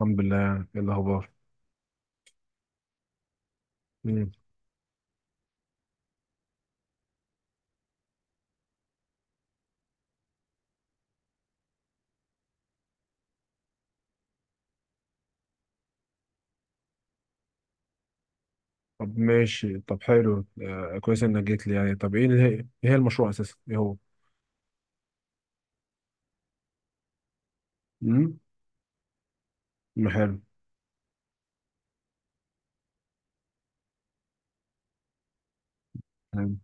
الحمد لله، ايه الاخبار؟ مم. طب ماشي، طب حلو، كويس انك جيت لي، يعني طب ايه اللي هي، ايه هي المشروع اساسا، ايه هو؟ امم. حلو حلو.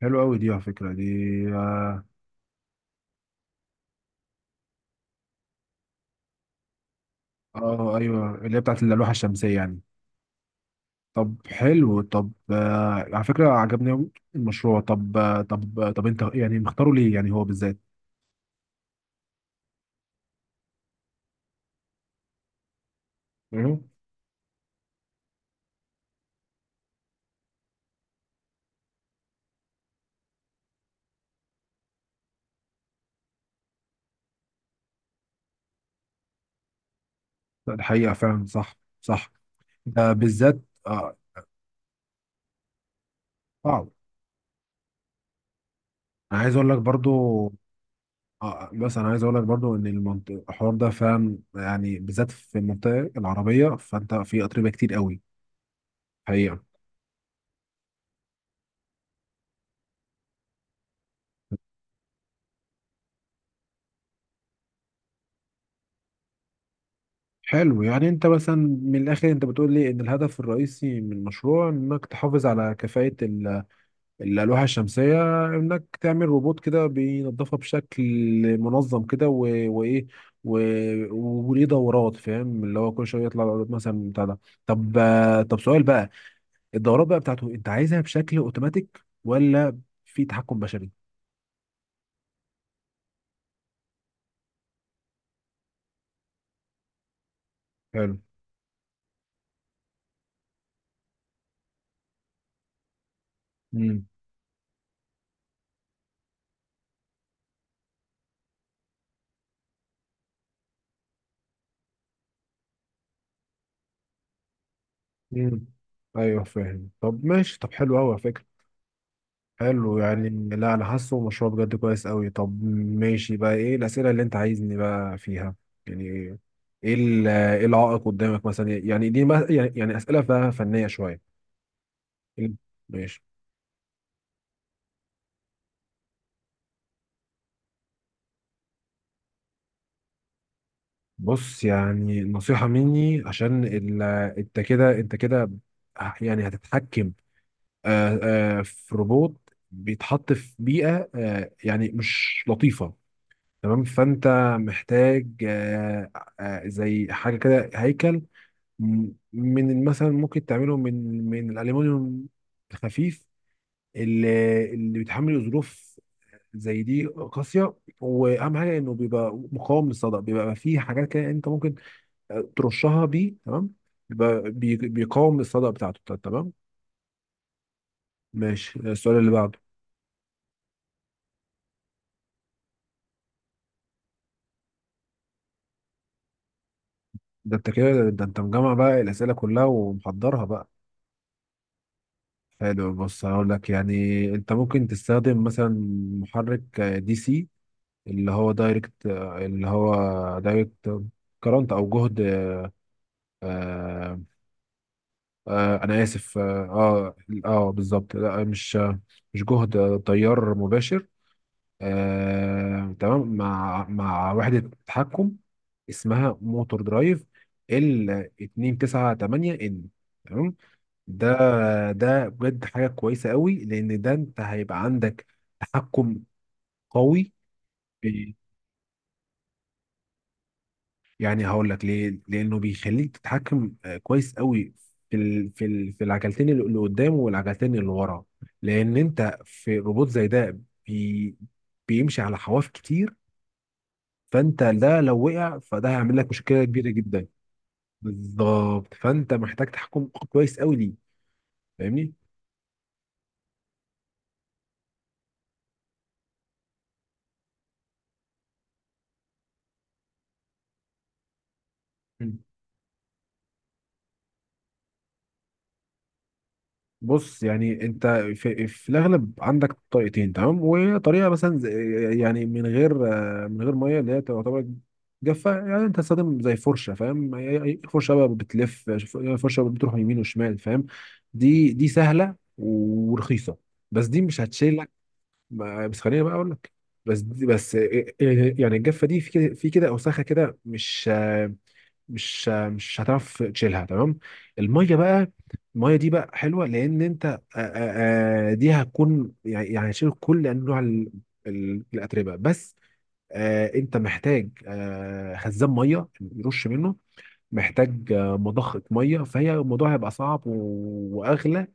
حلو قوي دي، على فكره دي. اه، آه، ايوه، اللي هي بتاعت اللوحه الشمسيه يعني. طب حلو، طب على فكره عجبني قوي المشروع. طب انت يعني مختاره ليه، يعني هو بالذات؟ مم. لا، الحقيقه فعلا صح صح. آه، بالذات. آه. صعب. انا عايز اقول لك برضو اه، بس انا عايز اقول لك برضو ان الحوار ده فعلا، يعني بالذات في المنطقه العربيه، فانت في اتربه كتير قوي. حقيقه. حلو، يعني انت مثلا من الاخر انت بتقول لي ان الهدف الرئيسي من المشروع انك تحافظ على كفاءه الالواح الشمسيه، انك تعمل روبوت كده بينظفها بشكل منظم كده، وايه، و- وليه دورات، فاهم اللي هو كل شويه يطلع العروض مثلا بتاع ده. طب طب سؤال بقى، الدورات بقى بتاعته انت عايزها بشكل اوتوماتيك ولا في تحكم بشري؟ حلو. امم. امم. ايوه فاهم، طب ماشي، طب حلو قوي على فكره. حلو يعني. لا، انا حاسه مشروع بجد كويس قوي. طب ماشي بقى، ايه الاسئله اللي انت عايزني بقى فيها، يعني ايه ايه العائق قدامك مثلا؟ يعني دي يعني يعني اسئله بقى فنيه شويه. إيه- ماشي. بص يعني نصيحه مني، عشان انت كده انت كده يعني هتتحكم، آه، في روبوت بيتحط في بيئة يعني مش لطيفة، تمام؟ فأنت محتاج زي حاجة كده هيكل، من مثلا ممكن تعمله من الألمنيوم الخفيف، اللي بيتحمل ظروف زي دي قاسية، وأهم حاجة إنه بيبقى مقاوم للصدأ. بيبقى فيه حاجات كده أنت ممكن ترشها بيه، تمام. بيبقى بيقاوم الصدأ بتاعته، تمام. ماشي، السؤال اللي بعده. ده انت كده، ده انت مجمع بقى الاسئله كلها ومحضرها بقى. حلو، بص هقول لك، يعني انت ممكن تستخدم مثلا محرك دي سي، اللي هو دايركت كرنت او جهد. آه انا اسف. بالظبط، لا، مش مش جهد، تيار مباشر. آه تمام، مع وحده تحكم اسمها موتور درايف ال 298 ان، تمام. ده ده بجد حاجة كويسة قوي، لأن ده أنت هيبقى عندك تحكم قوي في. يعني هقول لك ليه، لأنه بيخليك تتحكم كويس قوي في ال... في ال... في العجلتين اللي قدام والعجلتين اللي ورا، لأن أنت في روبوت زي ده بي... بيمشي على حواف كتير، فأنت ده لو وقع فده هيعمل لك مشكلة كبيرة جدا. بالظبط، فأنت محتاج تحكم كويس قوي ليه، فاهمني؟ بص يعني انت في الاغلب عندك طريقتين، تمام. وطريقه مثلا يعني من غير ميه، اللي هي تعتبر جافه. يعني انت تستخدم زي فرشه، فاهم؟ أي فرشه بقى بتلف، فرشه بتروح يمين وشمال، فاهم؟ دي سهله ورخيصه، بس دي مش هتشيلك. بس خليني بقى اقول لك. بس دي، بس يعني الجافه دي، في كده في كده اوساخه كده، مش هتعرف تشيلها، تمام. الميه بقى، الميه دي بقى حلوه، لان انت دي هتكون، يعني يعني هتشيل كل انواع الاتربه، بس انت محتاج خزان ميه يرش منه، محتاج مضخه ميه، فهي الموضوع هيبقى صعب واغلى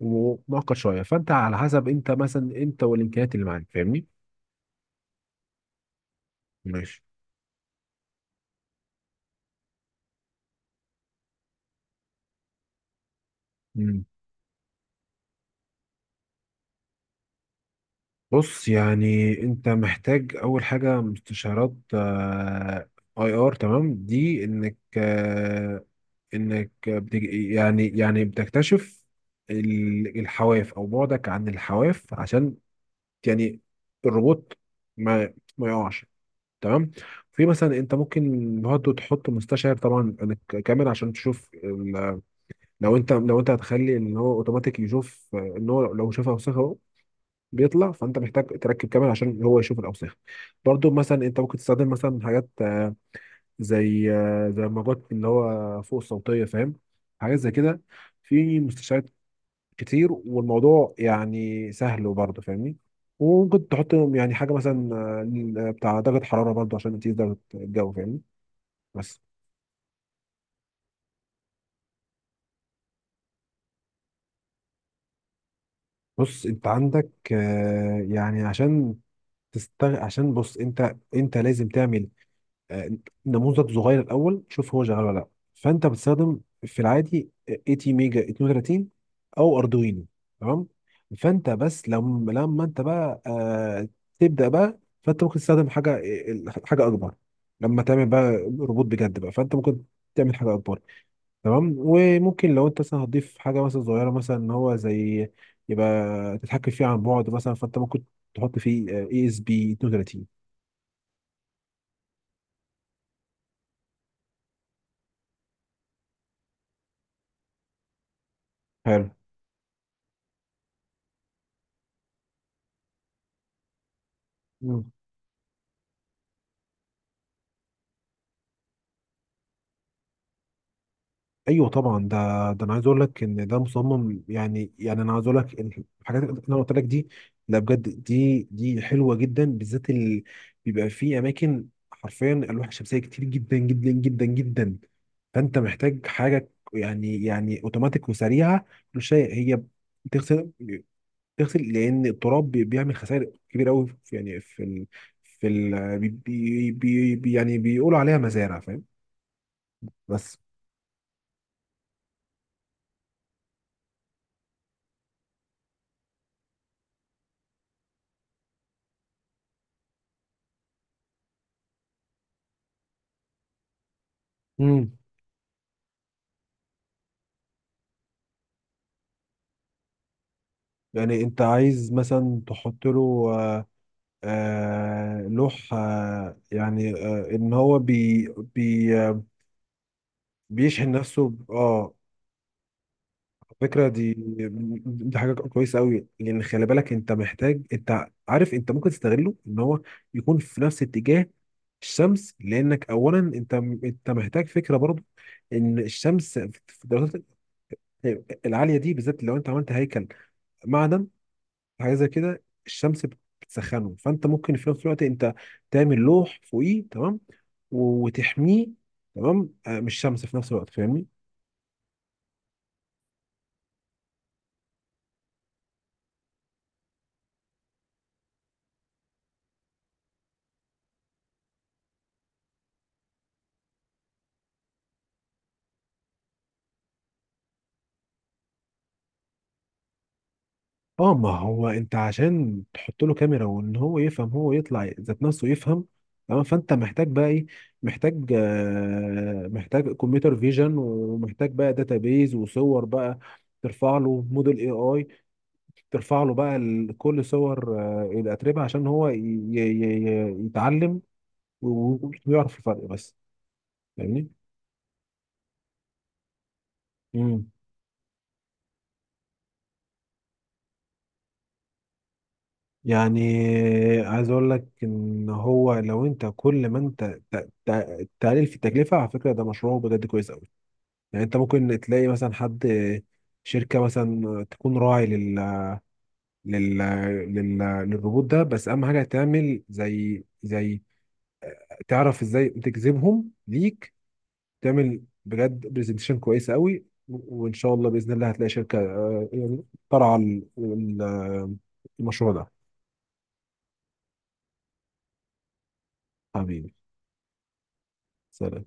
ومعقد شويه، فانت على حسب انت مثلا، انت والامكانيات اللي معاك، فاهمني؟ ماشي. بص يعني انت محتاج اول حاجه مستشارات اي ار، تمام، دي انك انك يعني يعني بتكتشف الحواف او بعدك عن الحواف، عشان يعني الروبوت ما يقعش، تمام. في مثلا انت ممكن برضه تحط مستشعر، طبعا عن كاميرا عشان تشوف لو انت هتخلي ان هو اوتوماتيك يشوف ان هو لو شاف اوساخه بيطلع، فانت محتاج تركب كامل عشان هو يشوف الاوساخ. برضو مثلا انت ممكن تستخدم مثلا حاجات زي زي الموجات اللي هو فوق الصوتيه، فاهم؟ حاجات زي كده في مستشفيات كتير، والموضوع يعني سهل برضه، فاهمني؟ وممكن تحط يعني حاجه مثلا بتاع درجه حراره برضه عشان تقيس درجه الجو، فاهمني؟ بس. بص انت عندك يعني عشان عشان بص، انت لازم تعمل آه، نموذج صغير الاول، شوف هو شغال ولا لا. فانت بتستخدم في العادي 80 ميجا 32 او اردوينو، تمام. فانت بس لما انت بقى تبدا بقى، فانت ممكن تستخدم حاجه، اكبر، لما تعمل بقى روبوت بجد بقى، فانت ممكن تعمل حاجه اكبر، تمام. وممكن لو انت مثلا هتضيف حاجه مثلا صغيره مثلا ان هو زي يبقى تتحكم فيه عن بعد مثلا، فانت ممكن تحط فيه اي اس بي 32. حلو. ايوه طبعا ده، ده انا عايز اقول لك ان ده مصمم، يعني يعني انا عايز اقول لك إن الحاجات اللي انا قلت لك دي. لا بجد، دي حلوه جدا بالذات ال... بيبقى في اماكن حرفيا الواح الشمسيه كتير جدا جدا جدا جدا، فانت محتاج حاجه، يعني يعني اوتوماتيك وسريعه، كل شيء هي بتغسل، بتغسل. لان التراب بيعمل خسائر كبيره قوي في يعني في ال... في ال... يعني بيقولوا عليها مزارع، فاهم؟ بس. يعني انت عايز مثلا تحط له لوح يعني ان هو بي بي آه، بيشحن نفسه. الفكره دي، دي حاجه كويسه قوي، لان خلي بالك انت محتاج، انت عارف انت ممكن تستغله ان هو يكون في نفس اتجاه الشمس، لانك اولا انت محتاج فكره برضو ان الشمس في الدرجات العاليه دي، بالذات لو انت عملت هيكل معدن، حاجه زي كده الشمس بتسخنه، فانت ممكن في نفس الوقت انت تعمل لوح فوقيه، تمام، وتحميه، تمام، من الشمس في نفس الوقت، فاهمني؟ اه، ما هو انت عشان تحط له كاميرا وان هو يفهم، هو يطلع ذات نفسه يفهم، تمام. فانت محتاج بقى ايه؟ محتاج كمبيوتر فيجن، ومحتاج بقى داتابيز وصور بقى، ترفع له موديل اي اي، ترفع له بقى كل صور الاتربه، عشان هو يتعلم وبيعرف الفرق، بس فاهمني؟ امم. يعني عايز اقول لك ان هو لو انت كل ما انت تقلل في التكلفه، على فكره ده مشروع بجد كويس قوي. يعني انت ممكن تلاقي مثلا حد، شركه مثلا تكون راعي لل لل لل للروبوت ده، بس اهم حاجه تعمل زي تعرف ازاي تجذبهم ليك، تعمل بجد برزنتيشن كويسه قوي، وان شاء الله باذن الله هتلاقي شركه يعني ترعى المشروع ده. حبيبي. سلام.